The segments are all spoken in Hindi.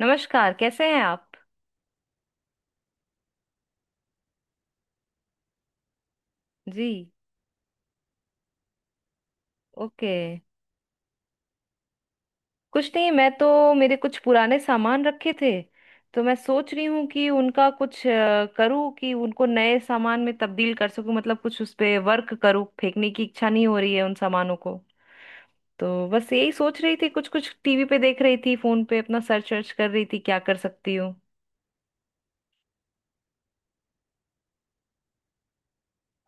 नमस्कार, कैसे हैं आप। जी। ओके। कुछ नहीं, मैं तो मेरे कुछ पुराने सामान रखे थे। तो मैं सोच रही हूँ कि उनका कुछ करूँ कि उनको नए सामान में तब्दील कर सकूँ, मतलब कुछ उस पे वर्क करूँ। फेंकने की इच्छा नहीं हो रही है उन सामानों को। तो बस यही सोच रही थी, कुछ कुछ टीवी पे देख रही थी, फोन पे अपना सर्च वर्च कर रही थी क्या कर सकती हूँ।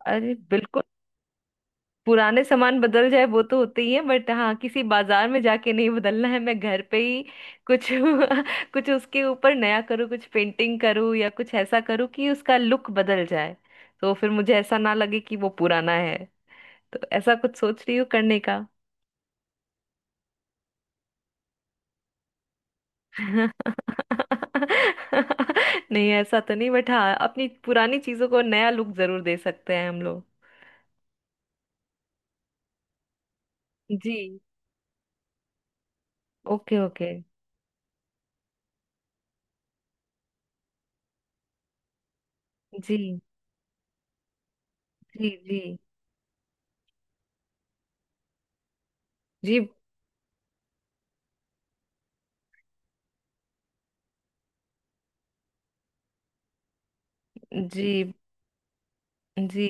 अरे बिल्कुल। पुराने सामान बदल जाए वो तो होते ही है, बट हाँ किसी बाजार में जाके नहीं बदलना है, मैं घर पे ही कुछ कुछ उसके ऊपर नया करूँ, कुछ पेंटिंग करूँ या कुछ ऐसा करूँ कि उसका लुक बदल जाए। तो फिर मुझे ऐसा ना लगे कि वो पुराना है। तो ऐसा कुछ सोच रही हूँ करने का। नहीं ऐसा तो नहीं, बट हाँ अपनी पुरानी चीजों को नया लुक जरूर दे सकते हैं हम लोग। जी। Okay okay. जी जी। जी जी। जी जी।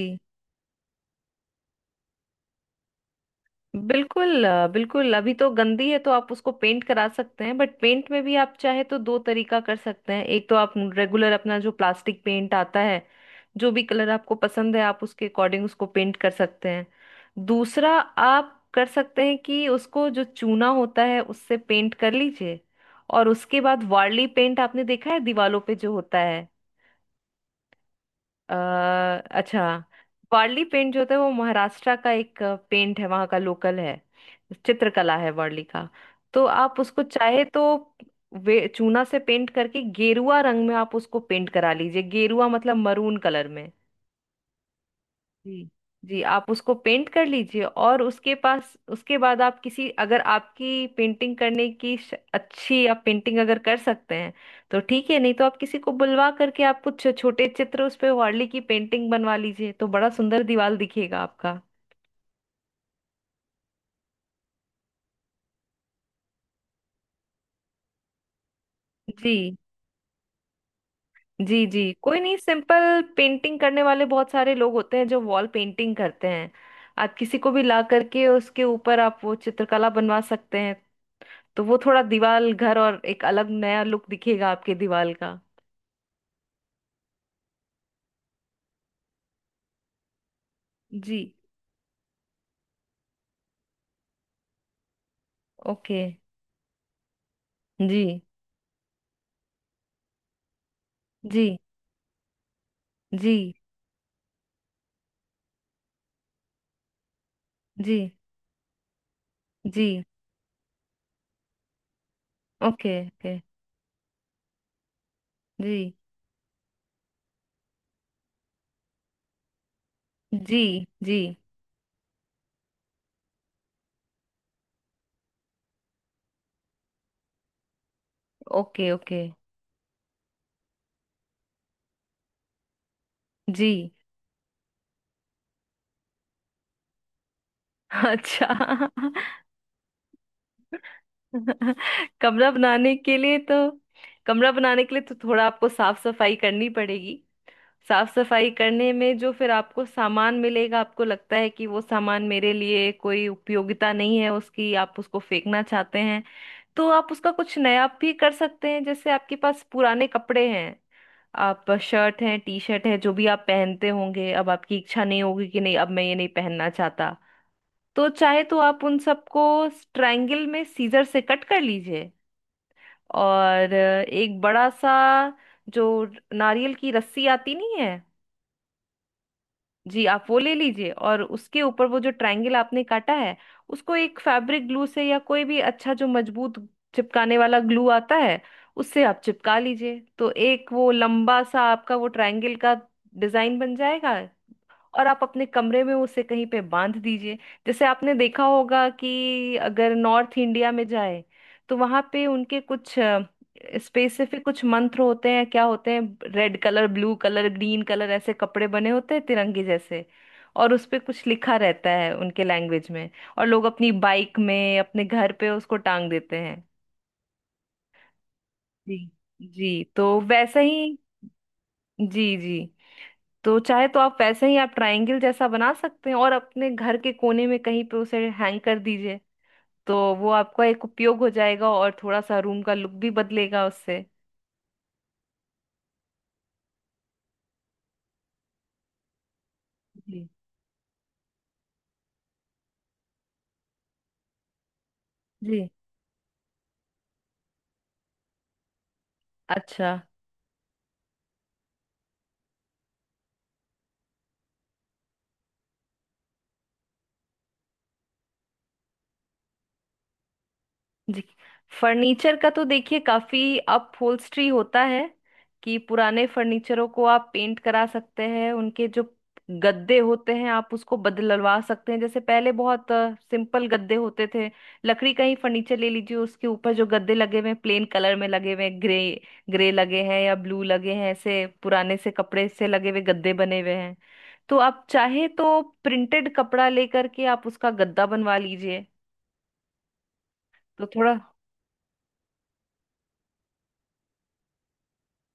बिल्कुल। बिल्कुल, अभी तो गंदी है तो आप उसको पेंट करा सकते हैं। बट पेंट में भी आप चाहे तो दो तरीका कर सकते हैं। एक तो आप रेगुलर अपना जो प्लास्टिक पेंट आता है, जो भी कलर आपको पसंद है आप उसके अकॉर्डिंग उसको पेंट कर सकते हैं। दूसरा आप कर सकते हैं कि उसको जो चूना होता है उससे पेंट कर लीजिए। और उसके बाद वार्ली पेंट आपने देखा है दीवारों पे जो होता है। अ, अच्छा। वारली पेंट जो होता है वो महाराष्ट्र का एक पेंट है, वहाँ का लोकल है। चित्रकला है वारली का। तो आप उसको चाहे तो वे चूना से पेंट करके गेरुआ रंग में आप उसको पेंट करा लीजिए। गेरुआ मतलब मरून कलर में। जी। जी, आप उसको पेंट कर लीजिए, और उसके पास उसके बाद आप किसी अगर आपकी पेंटिंग करने की अच्छी आप पेंटिंग अगर कर सकते हैं तो ठीक है, नहीं तो आप किसी को बुलवा करके आप कुछ छोटे चित्र उस पे वार्ली की पेंटिंग बनवा लीजिए, तो बड़ा सुंदर दीवार दिखेगा आपका। जी। जी जी, कोई नहीं, सिंपल पेंटिंग करने वाले बहुत सारे लोग होते हैं जो वॉल पेंटिंग करते हैं। आप किसी को भी ला करके उसके ऊपर आप वो चित्रकला बनवा सकते हैं। तो वो थोड़ा दीवाल घर और एक अलग नया लुक दिखेगा आपके दीवाल का। जी। ओके। जी। जी जी। जी। जी ओके ओके। जी जी। जी ओके ओके। जी। अच्छा। कमरा बनाने के लिए तो कमरा बनाने के लिए तो थोड़ा आपको साफ सफाई करनी पड़ेगी। साफ सफाई करने में जो फिर आपको सामान मिलेगा, आपको लगता है कि वो सामान मेरे लिए कोई उपयोगिता नहीं है उसकी, आप उसको फेंकना चाहते हैं, तो आप उसका कुछ नया भी कर सकते हैं। जैसे आपके पास पुराने कपड़े हैं, आप शर्ट है टी शर्ट है जो भी आप पहनते होंगे, अब आपकी इच्छा नहीं होगी कि नहीं अब मैं ये नहीं पहनना चाहता, तो चाहे तो आप उन सबको ट्रायंगल में सीजर से कट कर लीजिए। और एक बड़ा सा जो नारियल की रस्सी आती नहीं है, जी, आप वो ले लीजिए और उसके ऊपर वो जो ट्रायंगल आपने काटा है उसको एक फैब्रिक ग्लू से या कोई भी अच्छा जो मजबूत चिपकाने वाला ग्लू आता है उससे आप चिपका लीजिए। तो एक वो लंबा सा आपका वो ट्रायंगल का डिजाइन बन जाएगा। और आप अपने कमरे में उसे कहीं पे बांध दीजिए। जैसे आपने देखा होगा कि अगर नॉर्थ इंडिया में जाए तो वहां पे उनके कुछ स्पेसिफिक कुछ मंत्र होते हैं। क्या होते हैं, red colour blue colour green colour ऐसे कपड़े बने होते हैं तिरंगे जैसे, और उस पे कुछ लिखा रहता है उनके लैंग्वेज में, और लोग अपनी बाइक में अपने घर पे उसको टांग देते हैं। जी। जी, तो वैसा ही जी जी, तो चाहे तो आप वैसे ही आप ट्रायंगल जैसा बना सकते हैं और अपने घर के कोने में कहीं पे उसे हैंग कर दीजिए। तो वो आपका एक उपयोग हो जाएगा और थोड़ा सा रूम का लुक भी बदलेगा उससे। जी। जी। अच्छा। जी, फर्नीचर का तो देखिए काफी अपहोल्स्ट्री होता है कि पुराने फर्नीचरों को आप पेंट करा सकते हैं। उनके जो गद्दे होते हैं आप उसको बदलवा सकते हैं, जैसे पहले बहुत सिंपल गद्दे होते थे। लकड़ी का ही फर्नीचर ले लीजिए, उसके ऊपर जो गद्दे लगे हुए हैं प्लेन कलर में लगे हुए हैं, ग्रे ग्रे लगे हैं या ब्लू लगे हैं, ऐसे पुराने से कपड़े से लगे हुए गद्दे बने हुए हैं। तो आप चाहे तो प्रिंटेड कपड़ा लेकर के आप उसका गद्दा बनवा लीजिए, तो थोड़ा।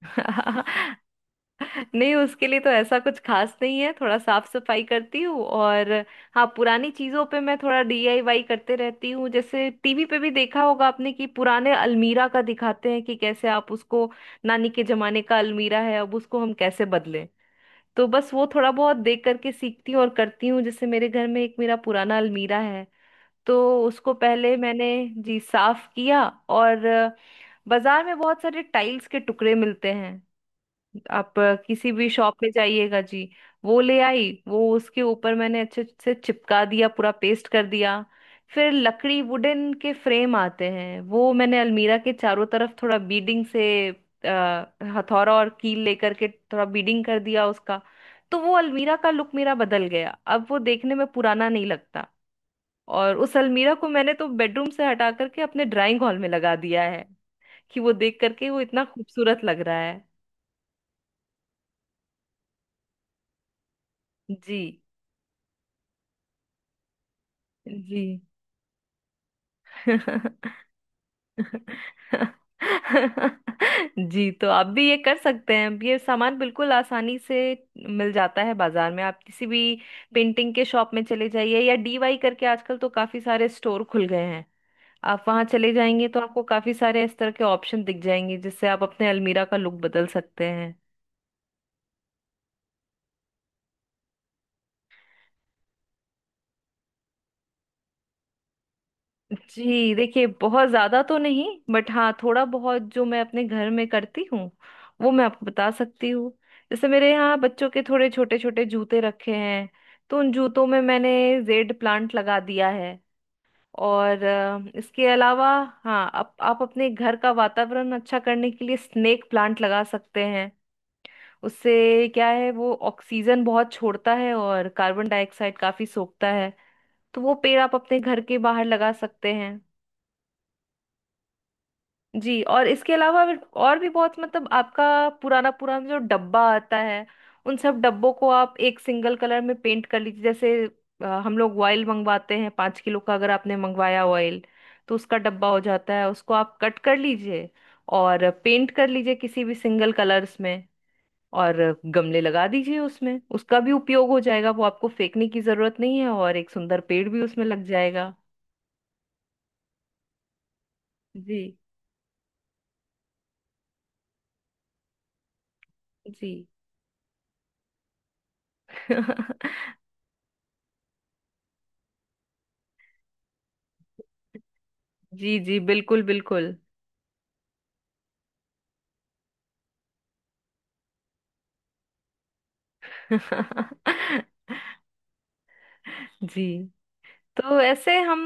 नहीं, उसके लिए तो ऐसा कुछ खास नहीं है, थोड़ा साफ सफाई करती हूँ। और हाँ, पुरानी चीजों पे मैं थोड़ा डीआईवाई करते रहती हूँ। जैसे टीवी पे भी देखा होगा आपने कि पुराने अलमीरा का दिखाते हैं कि कैसे आप उसको, नानी के जमाने का अलमीरा है अब उसको हम कैसे बदलें। तो बस वो थोड़ा बहुत देख करके सीखती हूँ और करती हूँ। जैसे मेरे घर में एक मेरा पुराना अलमीरा है, तो उसको पहले मैंने, जी, साफ किया, और बाजार में बहुत सारे टाइल्स के टुकड़े मिलते हैं, आप किसी भी शॉप में जाइएगा जी, वो ले आई। वो उसके ऊपर मैंने अच्छे से चिपका दिया, पूरा पेस्ट कर दिया। फिर लकड़ी वुडन के फ्रेम आते हैं, वो मैंने अलमीरा के चारों तरफ थोड़ा बीडिंग से हथौड़ा और कील लेकर के थोड़ा बीडिंग कर दिया उसका। तो वो अलमीरा का लुक मेरा बदल गया, अब वो देखने में पुराना नहीं लगता। और उस अलमीरा को मैंने तो बेडरूम से हटा करके अपने ड्राइंग हॉल में लगा दिया है, कि वो देख करके वो इतना खूबसूरत लग रहा है। जी। जी जी, तो आप भी ये कर सकते हैं। ये सामान बिल्कुल आसानी से मिल जाता है बाजार में, आप किसी भी पेंटिंग के शॉप में चले जाइए, या डीवाई करके आजकल तो काफी सारे स्टोर खुल गए हैं, आप वहां चले जाएंगे तो आपको काफी सारे इस तरह के ऑप्शन दिख जाएंगे जिससे आप अपने अलमीरा का लुक बदल सकते हैं। जी देखिए बहुत ज्यादा तो नहीं, बट हाँ थोड़ा बहुत जो मैं अपने घर में करती हूँ वो मैं आपको बता सकती हूँ। जैसे मेरे यहाँ बच्चों के थोड़े छोटे छोटे जूते रखे हैं, तो उन जूतों में मैंने जेड प्लांट लगा दिया है। और इसके अलावा हाँ, आप अपने घर का वातावरण अच्छा करने के लिए स्नेक प्लांट लगा सकते हैं। उससे क्या है, वो ऑक्सीजन बहुत छोड़ता है और कार्बन डाइऑक्साइड काफी सोखता है। तो वो पेड़ आप अपने घर के बाहर लगा सकते हैं। जी, और इसके अलावा और भी बहुत, मतलब आपका पुराना पुराना जो डब्बा आता है, उन सब डब्बों को आप एक सिंगल कलर में पेंट कर लीजिए। जैसे हम लोग ऑयल मंगवाते हैं 5 किलो का, अगर आपने मंगवाया ऑयल तो उसका डब्बा हो जाता है, उसको आप कट कर लीजिए और पेंट कर लीजिए किसी भी सिंगल कलर्स में, और गमले लगा दीजिए उसमें। उसका भी उपयोग हो जाएगा, वो आपको फेंकने की जरूरत नहीं है, और एक सुंदर पेड़ भी उसमें लग जाएगा। जी जी। जी जी, बिल्कुल बिल्कुल। जी, तो ऐसे हम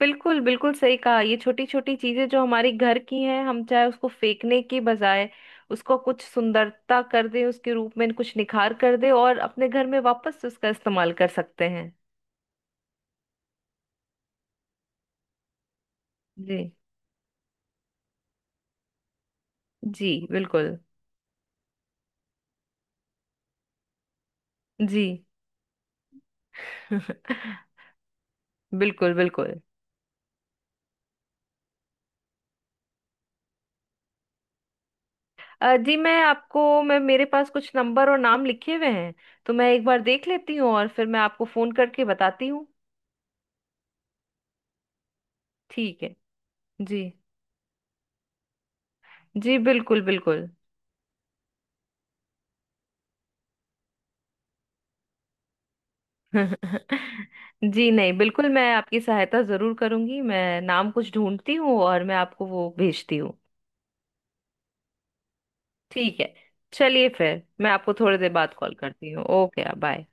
बिल्कुल बिल्कुल सही कहा। ये छोटी छोटी चीजें जो हमारी घर की हैं, हम चाहे उसको फेंकने की बजाय उसको कुछ सुंदरता कर दें, उसके रूप में कुछ निखार कर दें, और अपने घर में वापस से उसका इस्तेमाल कर सकते हैं। जी। जी बिल्कुल। जी। बिल्कुल बिल्कुल। जी, मैं मेरे पास कुछ नंबर और नाम लिखे हुए हैं, तो मैं एक बार देख लेती हूँ और फिर मैं आपको फोन करके बताती हूँ। ठीक है। जी। जी बिल्कुल बिल्कुल। जी नहीं, बिल्कुल मैं आपकी सहायता जरूर करूंगी, मैं नाम कुछ ढूंढती हूँ और मैं आपको वो भेजती हूँ। ठीक है। चलिए, फिर मैं आपको थोड़ी देर बाद कॉल करती हूँ। Okay, bye.